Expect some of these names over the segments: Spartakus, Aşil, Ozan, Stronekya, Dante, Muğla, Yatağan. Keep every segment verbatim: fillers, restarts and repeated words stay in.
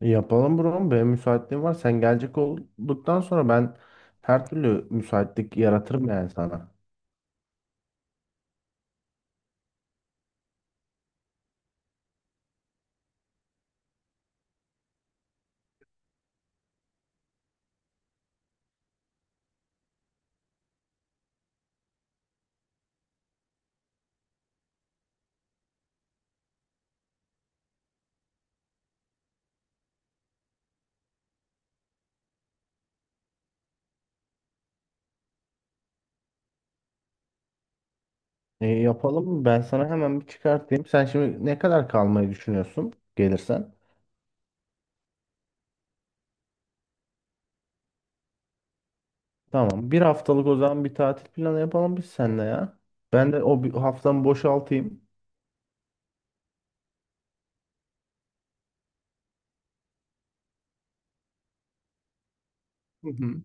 Yapalım bro. Benim müsaitliğim var. Sen gelecek olduktan sonra ben her türlü müsaitlik yaratırım yani sana. E, yapalım. Ben sana hemen bir çıkartayım. Sen şimdi ne kadar kalmayı düşünüyorsun gelirsen? Tamam. Bir haftalık o zaman bir tatil planı yapalım biz seninle ya. Ben de o bir haftamı boşaltayım. Hı hı.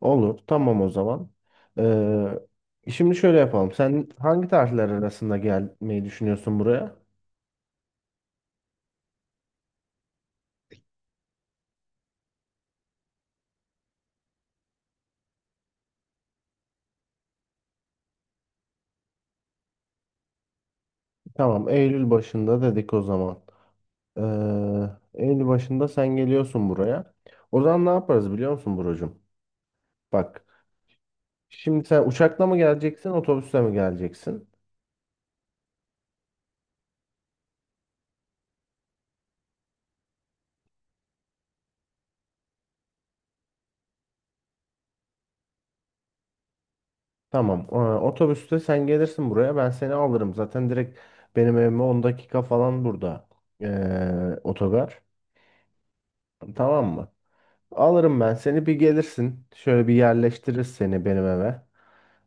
Olur. Tamam o zaman. Ee, şimdi şöyle yapalım. Sen hangi tarihler arasında gelmeyi düşünüyorsun buraya? Tamam. Eylül başında dedik o zaman. Eee en başında sen geliyorsun buraya. O zaman ne yaparız biliyor musun Buracığım? Bak şimdi sen uçakla mı geleceksin otobüsle mi geleceksin? Tamam. e, Otobüste sen gelirsin buraya. Ben seni alırım. Zaten direkt benim evime on dakika falan burada. E, otogar. Tamam mı? Alırım ben seni. Bir gelirsin. Şöyle bir yerleştiririz seni benim eve.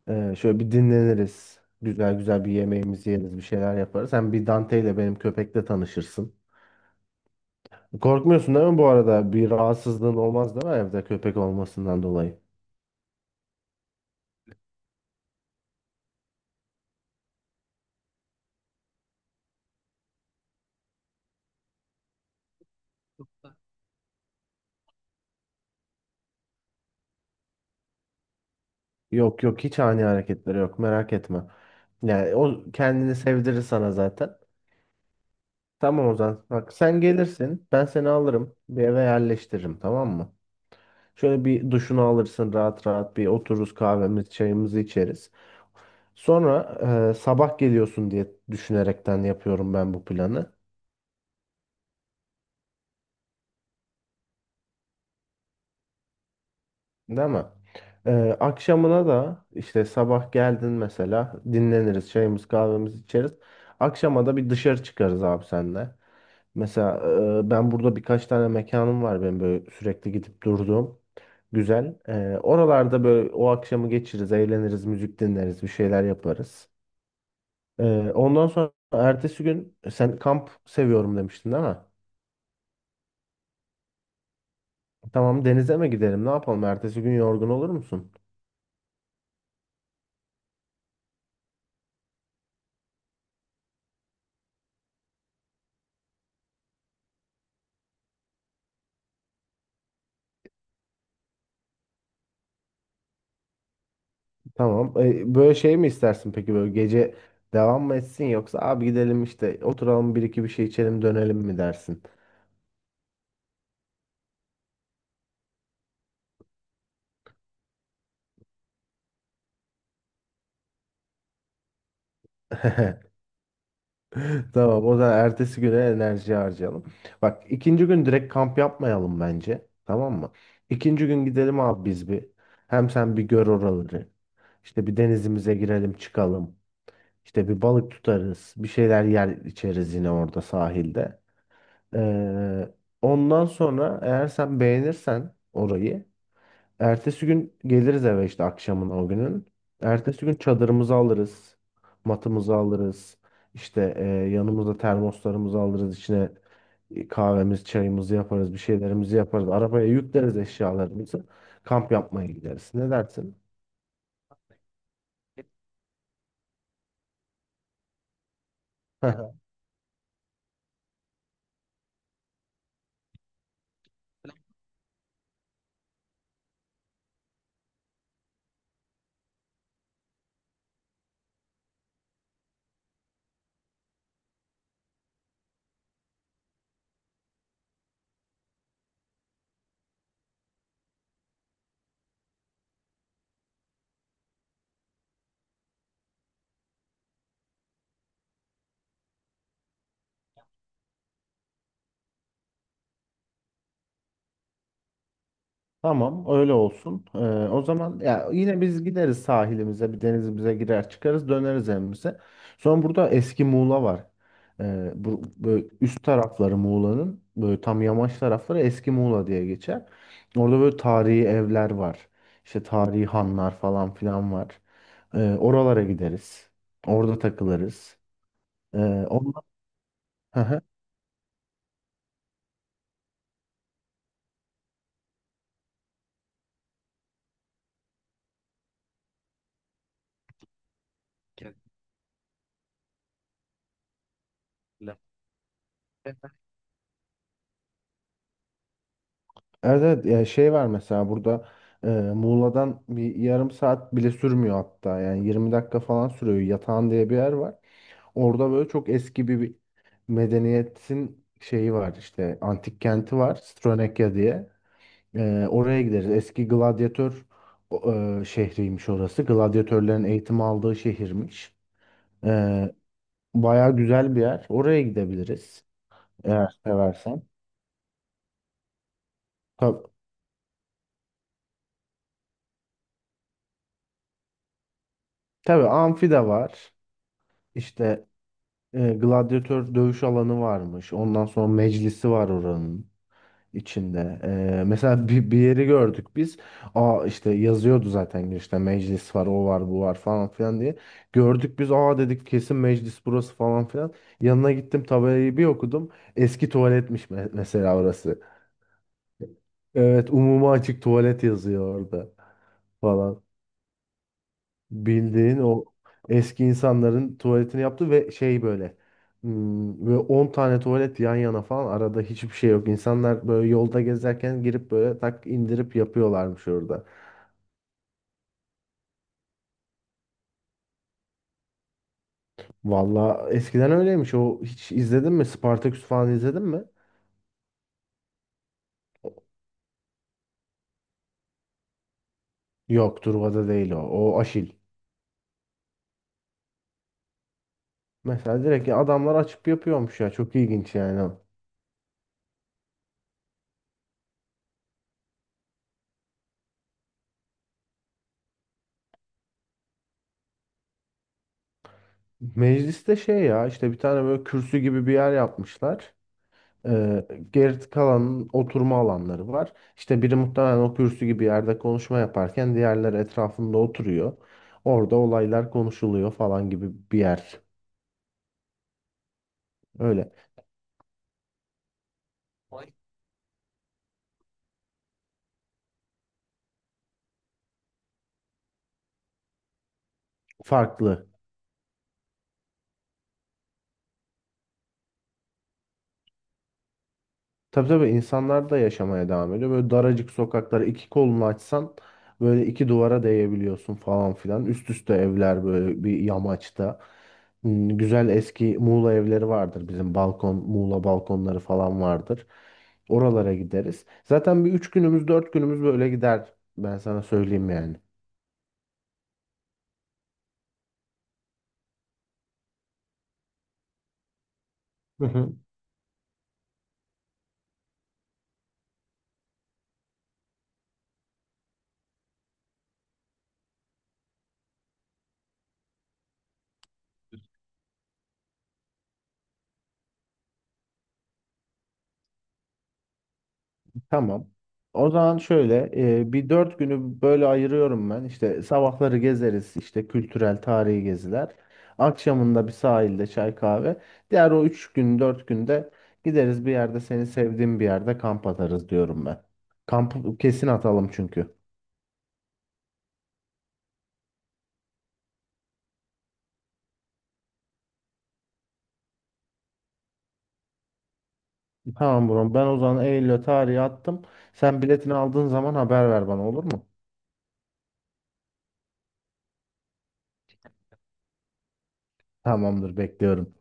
E, şöyle bir dinleniriz. Güzel güzel bir yemeğimizi yeriz. Bir şeyler yaparız. Hem bir Dante ile benim köpekle tanışırsın. Korkmuyorsun değil mi bu arada? Bir rahatsızlığın olmaz değil mi evde köpek olmasından dolayı? Yok yok hiç ani hareketleri yok merak etme. Yani o kendini sevdirir sana zaten. Tamam Ozan. Bak sen gelirsin ben seni alırım bir eve yerleştiririm tamam mı? Şöyle bir duşunu alırsın rahat rahat bir otururuz kahvemizi çayımızı içeriz. Sonra e, sabah geliyorsun diye düşünerekten yapıyorum ben bu planı. Değil mi? Ee, akşamına da işte sabah geldin mesela dinleniriz çayımız kahvemizi içeriz. Akşama da bir dışarı çıkarız abi senle. Mesela e, ben burada birkaç tane mekanım var benim böyle sürekli gidip durduğum. Güzel. Ee, oralarda böyle o akşamı geçiririz, eğleniriz, müzik dinleriz, bir şeyler yaparız. Ee, ondan sonra ertesi gün e, sen kamp seviyorum demiştin değil mi? Tamam denize mi gidelim ne yapalım? Ertesi gün yorgun olur musun? Tamam. E, böyle şey mi istersin peki böyle gece devam mı etsin yoksa abi gidelim işte oturalım bir iki bir şey içelim dönelim mi dersin? Tamam o zaman ertesi güne enerji harcayalım. Bak ikinci gün direkt kamp yapmayalım bence. Tamam mı? İkinci gün gidelim abi biz bir. Hem sen bir gör oraları. İşte bir denizimize girelim çıkalım. İşte bir balık tutarız. Bir şeyler yer içeriz yine orada sahilde. Ee, Ondan sonra eğer sen beğenirsen orayı ertesi gün geliriz eve işte akşamın o günün. Ertesi gün çadırımızı alırız. Matımızı alırız. İşte e, yanımızda termoslarımızı alırız. İçine e, kahvemiz, çayımızı yaparız. Bir şeylerimizi yaparız. Arabaya yükleriz eşyalarımızı. Kamp yapmaya gideriz. Ne dersin? Tamam, öyle olsun. Ee, o zaman ya yine biz gideriz sahilimize, bir denizimize girer çıkarız, döneriz evimize. Sonra burada eski Muğla var. Ee, bu böyle üst tarafları Muğla'nın böyle tam yamaç tarafları eski Muğla diye geçer. Orada böyle tarihi evler var. İşte tarihi hanlar falan filan var. Ee, oralara gideriz. Orada takılırız. Ee, Ondan... Hı hı. Evet, evet ya şey var mesela burada e, Muğla'dan bir yarım saat bile sürmüyor hatta yani yirmi dakika falan sürüyor Yatağan diye bir yer var. Orada böyle çok eski bir, bir medeniyetin şeyi var işte antik kenti var Stronekya diye. E, oraya gideriz eski gladyatör o, e, şehriymiş orası gladyatörlerin eğitim aldığı şehirmiş. E, Baya güzel bir yer oraya gidebiliriz eğer seversen. Tabii, tabii amfi de var. İşte E, gladyatör dövüş alanı varmış. Ondan sonra meclisi var oranın içinde. E, mesela bir, bir yeri gördük biz. Aa işte yazıyordu zaten girişte meclis var, o var, bu var falan filan diye. Gördük biz. Aa dedik kesin meclis burası falan filan. Yanına gittim tabelayı bir okudum. Eski tuvaletmiş me- mesela orası. Evet, umuma açık tuvalet yazıyor orada falan. Bildiğin o eski insanların tuvaletini yaptı ve şey böyle hmm, ve on tane tuvalet yan yana falan arada hiçbir şey yok. İnsanlar böyle yolda gezerken girip böyle tak indirip yapıyorlarmış orada. Valla eskiden öyleymiş. O hiç izledin mi? Spartaküs falan izledin mi? Yok, Truva'da değil o. O Aşil. Mesela direkt adamlar açıp yapıyormuş ya. Çok ilginç yani. Mecliste şey ya işte bir tane böyle kürsü gibi bir yer yapmışlar. Ee, Geri kalanın oturma alanları var. İşte biri muhtemelen o kürsü gibi yerde konuşma yaparken diğerleri etrafında oturuyor. Orada olaylar konuşuluyor falan gibi bir yer. Öyle farklı. Tabii tabii insanlar da yaşamaya devam ediyor. Böyle daracık sokaklara iki kolunu açsan böyle iki duvara değebiliyorsun falan filan. Üst üste evler böyle bir yamaçta. Hmm, güzel eski Muğla evleri vardır bizim balkon, Muğla balkonları falan vardır. Oralara gideriz. Zaten bir üç günümüz, dört günümüz böyle gider. Ben sana söyleyeyim yani. Tamam. O zaman şöyle e, bir dört günü böyle ayırıyorum ben. İşte sabahları gezeriz işte kültürel tarihi geziler. Akşamında bir sahilde çay kahve. Diğer o üç gün dört günde gideriz bir yerde seni sevdiğim bir yerde kamp atarız diyorum ben. Kamp kesin atalım çünkü. Tamam bro ben o zaman Eylül'e tarihi attım. Sen biletini aldığın zaman haber ver bana olur mu? Tamamdır bekliyorum.